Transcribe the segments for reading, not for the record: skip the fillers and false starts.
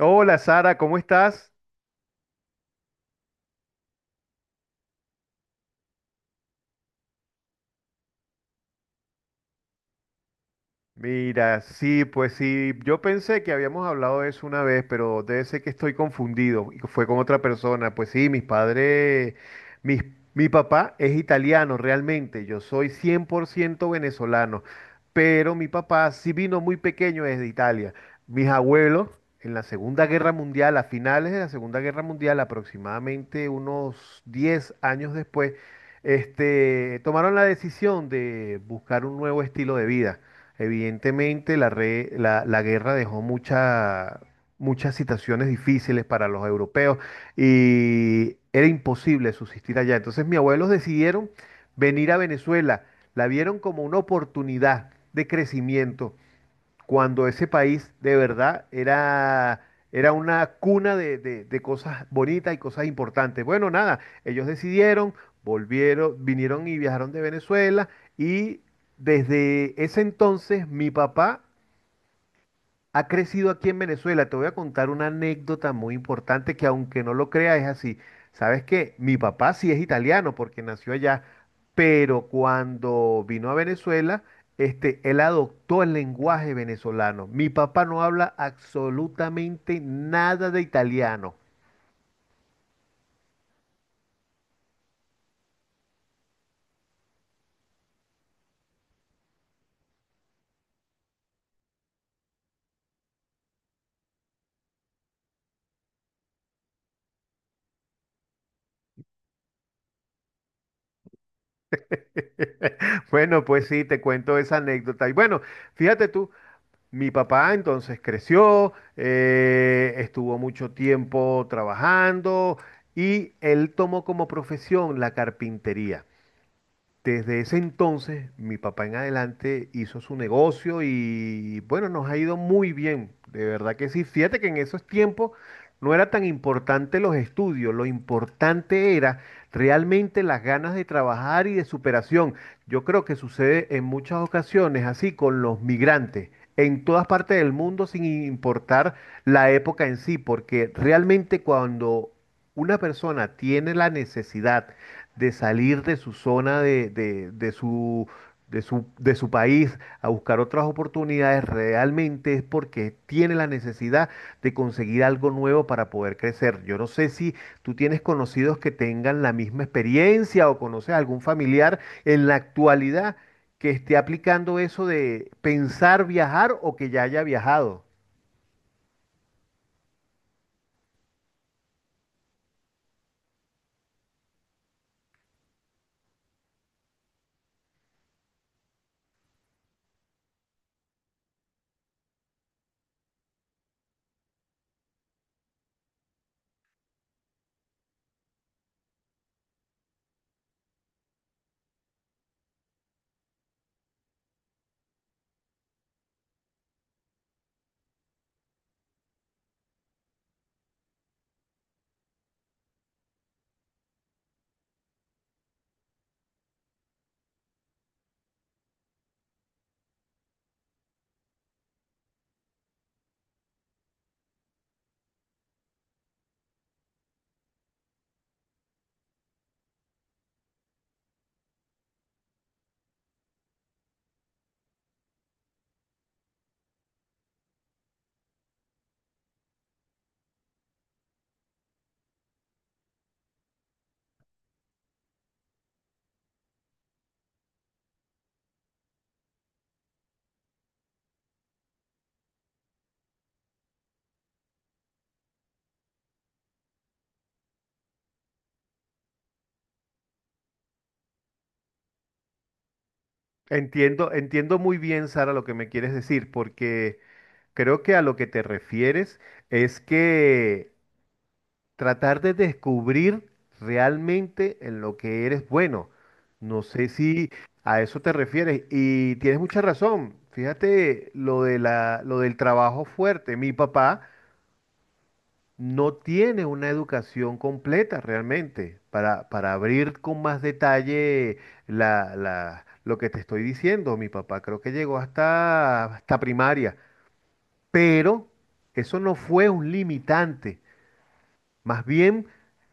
Hola, Sara, ¿cómo estás? Mira, sí, pues sí, yo pensé que habíamos hablado de eso una vez, pero debe ser que estoy confundido y que fue con otra persona. Pues sí, mis padres, mis- mi papá es italiano realmente, yo soy 100% venezolano, pero mi papá sí vino muy pequeño desde Italia. Mis abuelos en la Segunda Guerra Mundial, a finales de la Segunda Guerra Mundial, aproximadamente unos 10 años después, tomaron la decisión de buscar un nuevo estilo de vida. Evidentemente, la guerra dejó muchas situaciones difíciles para los europeos y era imposible subsistir allá. Entonces, mis abuelos decidieron venir a Venezuela, la vieron como una oportunidad de crecimiento cuando ese país de verdad era una cuna de cosas bonitas y cosas importantes. Bueno, nada, ellos decidieron, vinieron y viajaron de Venezuela y desde ese entonces mi papá ha crecido aquí en Venezuela. Te voy a contar una anécdota muy importante que, aunque no lo creas, es así. Sabes que mi papá sí es italiano porque nació allá, pero cuando vino a Venezuela, él adoptó el lenguaje venezolano. Mi papá no habla absolutamente nada de italiano. Bueno, pues sí, te cuento esa anécdota. Y bueno, fíjate tú, mi papá entonces creció, estuvo mucho tiempo trabajando y él tomó como profesión la carpintería. Desde ese entonces, mi papá en adelante hizo su negocio y bueno, nos ha ido muy bien, de verdad que sí. Fíjate que en esos tiempos no era tan importante los estudios, lo importante era realmente las ganas de trabajar y de superación. Yo creo que sucede en muchas ocasiones así con los migrantes, en todas partes del mundo, sin importar la época en sí, porque realmente cuando una persona tiene la necesidad de salir de su zona de de su país a buscar otras oportunidades, realmente es porque tiene la necesidad de conseguir algo nuevo para poder crecer. Yo no sé si tú tienes conocidos que tengan la misma experiencia o conoces algún familiar en la actualidad que esté aplicando eso de pensar viajar o que ya haya viajado. Entiendo, entiendo muy bien, Sara, lo que me quieres decir, porque creo que a lo que te refieres es que tratar de descubrir realmente en lo que eres bueno. No sé si a eso te refieres, y tienes mucha razón. Fíjate lo de lo del trabajo fuerte. Mi papá no tiene una educación completa realmente para abrir con más detalle lo que te estoy diciendo. Mi papá creo que llegó hasta primaria. Pero eso no fue un limitante. Más bien,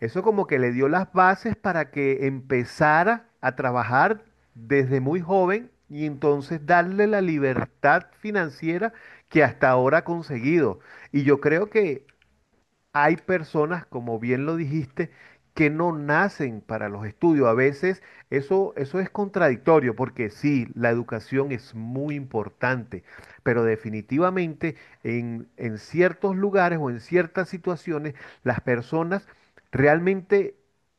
eso como que le dio las bases para que empezara a trabajar desde muy joven y entonces darle la libertad financiera que hasta ahora ha conseguido. Y yo creo que hay personas, como bien lo dijiste, que no nacen para los estudios. A veces eso es contradictorio porque sí, la educación es muy importante, pero definitivamente en ciertos lugares o en ciertas situaciones las personas realmente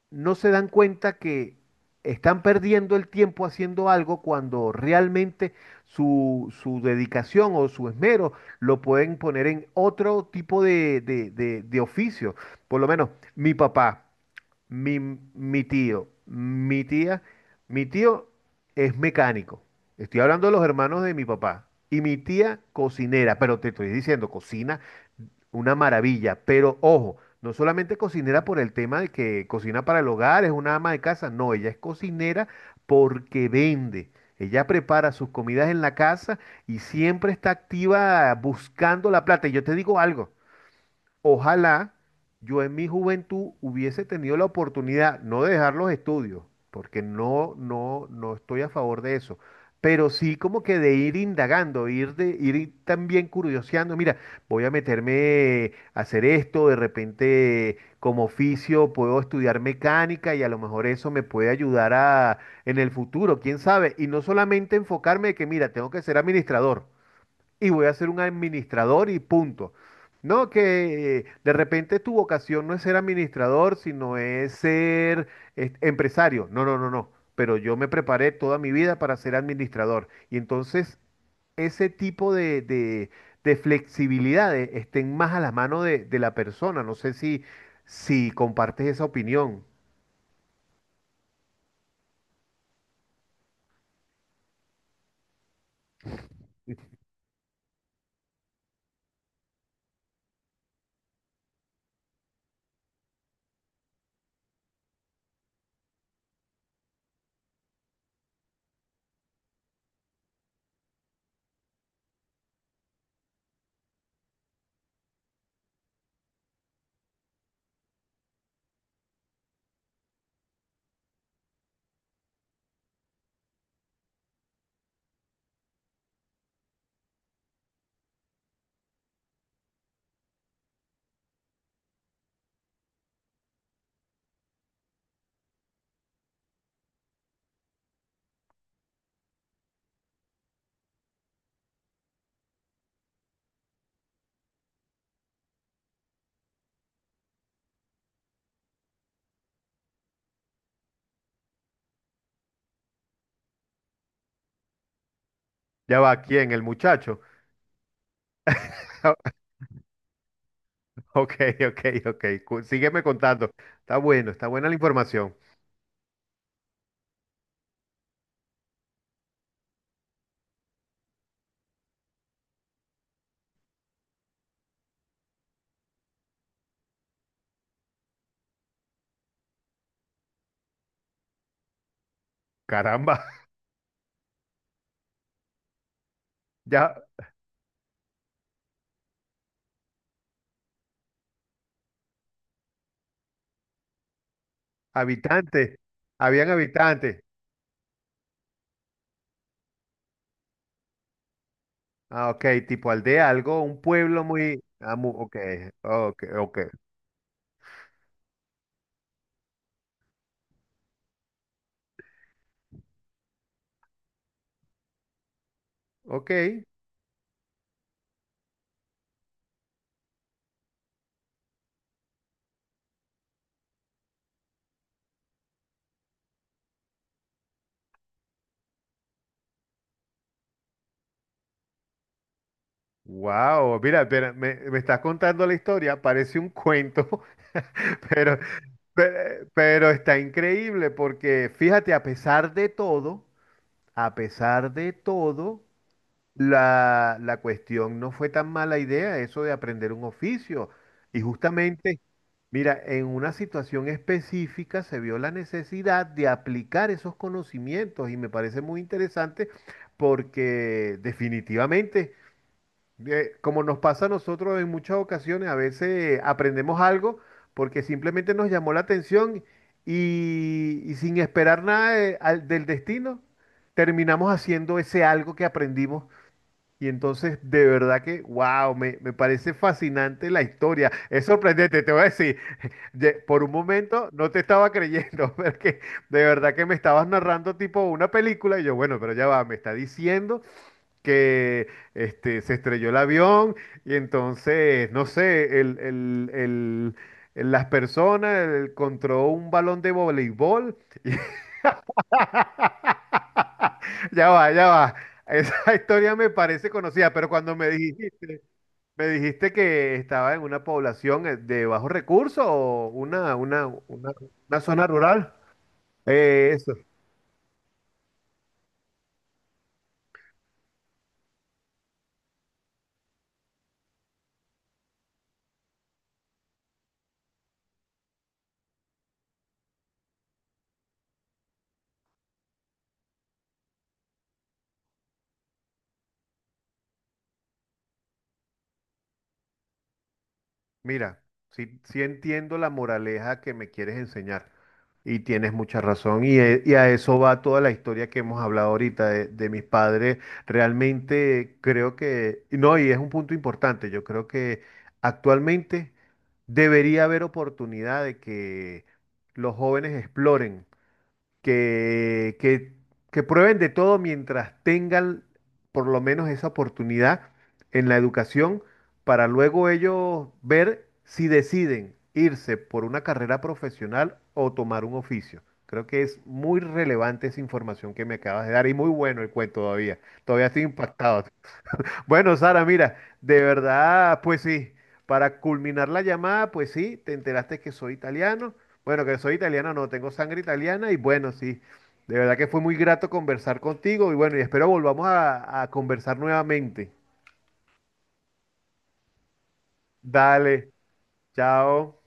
no se dan cuenta que están perdiendo el tiempo haciendo algo cuando realmente su dedicación o su esmero lo pueden poner en otro tipo de oficio. Por lo menos mi papá, mi tío, mi tía, mi tío es mecánico. Estoy hablando de los hermanos de mi papá. Y mi tía cocinera, pero te estoy diciendo, cocina una maravilla, pero ojo, no solamente cocinera por el tema de que cocina para el hogar, es una ama de casa, no, ella es cocinera porque vende. Ella prepara sus comidas en la casa y siempre está activa buscando la plata. Y yo te digo algo, ojalá yo en mi juventud hubiese tenido la oportunidad, no de dejar los estudios, porque no, no, no estoy a favor de eso, pero sí como que de ir indagando, ir ir también curioseando, mira, voy a meterme a hacer esto, de repente como oficio puedo estudiar mecánica y a lo mejor eso me puede ayudar a en el futuro, quién sabe, y no solamente enfocarme de que mira, tengo que ser administrador y voy a ser un administrador y punto. No, que de repente tu vocación no es ser administrador, sino es ser empresario. No, no, no, no. Pero yo me preparé toda mi vida para ser administrador. Y entonces ese tipo de flexibilidades estén más a la mano de la persona. No sé si, si compartes esa opinión. Ya va, ¿quién? El muchacho. Ok, ok, ok. Cu- Sígueme contando. Está bueno, está buena la información. Caramba. Ya, habitantes, habían habitantes. Ah, ok, tipo aldea, algo, un pueblo muy... Ah, mu- ok, ok, ok, ok. Wow, mira, espera, me estás contando la historia, parece un cuento, pero, pe- pero está increíble porque fíjate, a pesar de todo, a pesar de todo... La cuestión no fue tan mala idea eso de aprender un oficio. Y justamente, mira, en una situación específica se vio la necesidad de aplicar esos conocimientos y me parece muy interesante porque definitivamente, como nos pasa a nosotros en muchas ocasiones, a veces aprendemos algo porque simplemente nos llamó la atención y sin esperar nada del destino, terminamos haciendo ese algo que aprendimos y entonces, de verdad que, wow, me parece fascinante la historia. Es sorprendente, te voy a decir, por un momento no te estaba creyendo, porque de verdad que me estabas narrando tipo una película y yo, bueno, pero ya va, me está diciendo que se estrelló el avión y entonces, no sé, las personas encontró un balón de voleibol. Ya va, ya va. Esa historia me parece conocida, pero cuando me dijiste... Me dijiste que estaba en una población de bajos recursos o una zona rural. Eso. Mira, sí, sí entiendo la moraleja que me quieres enseñar y tienes mucha razón y, y a eso va toda la historia que hemos hablado ahorita de mis padres. Realmente creo que, no, y es un punto importante, yo creo que actualmente debería haber oportunidad de que los jóvenes exploren. que, que, que prueben de todo mientras tengan por lo menos esa oportunidad en la educación para luego ellos ver si deciden irse por una carrera profesional o tomar un oficio. Creo que es muy relevante esa información que me acabas de dar y muy bueno el cuento todavía. Todavía estoy impactado. Bueno, Sara, mira, de verdad, pues sí, para culminar la llamada, pues sí, te enteraste que soy italiano. Bueno, que soy italiano, no, tengo sangre italiana y bueno, sí, de verdad que fue muy grato conversar contigo y bueno, y espero volvamos a conversar nuevamente. Dale, chao.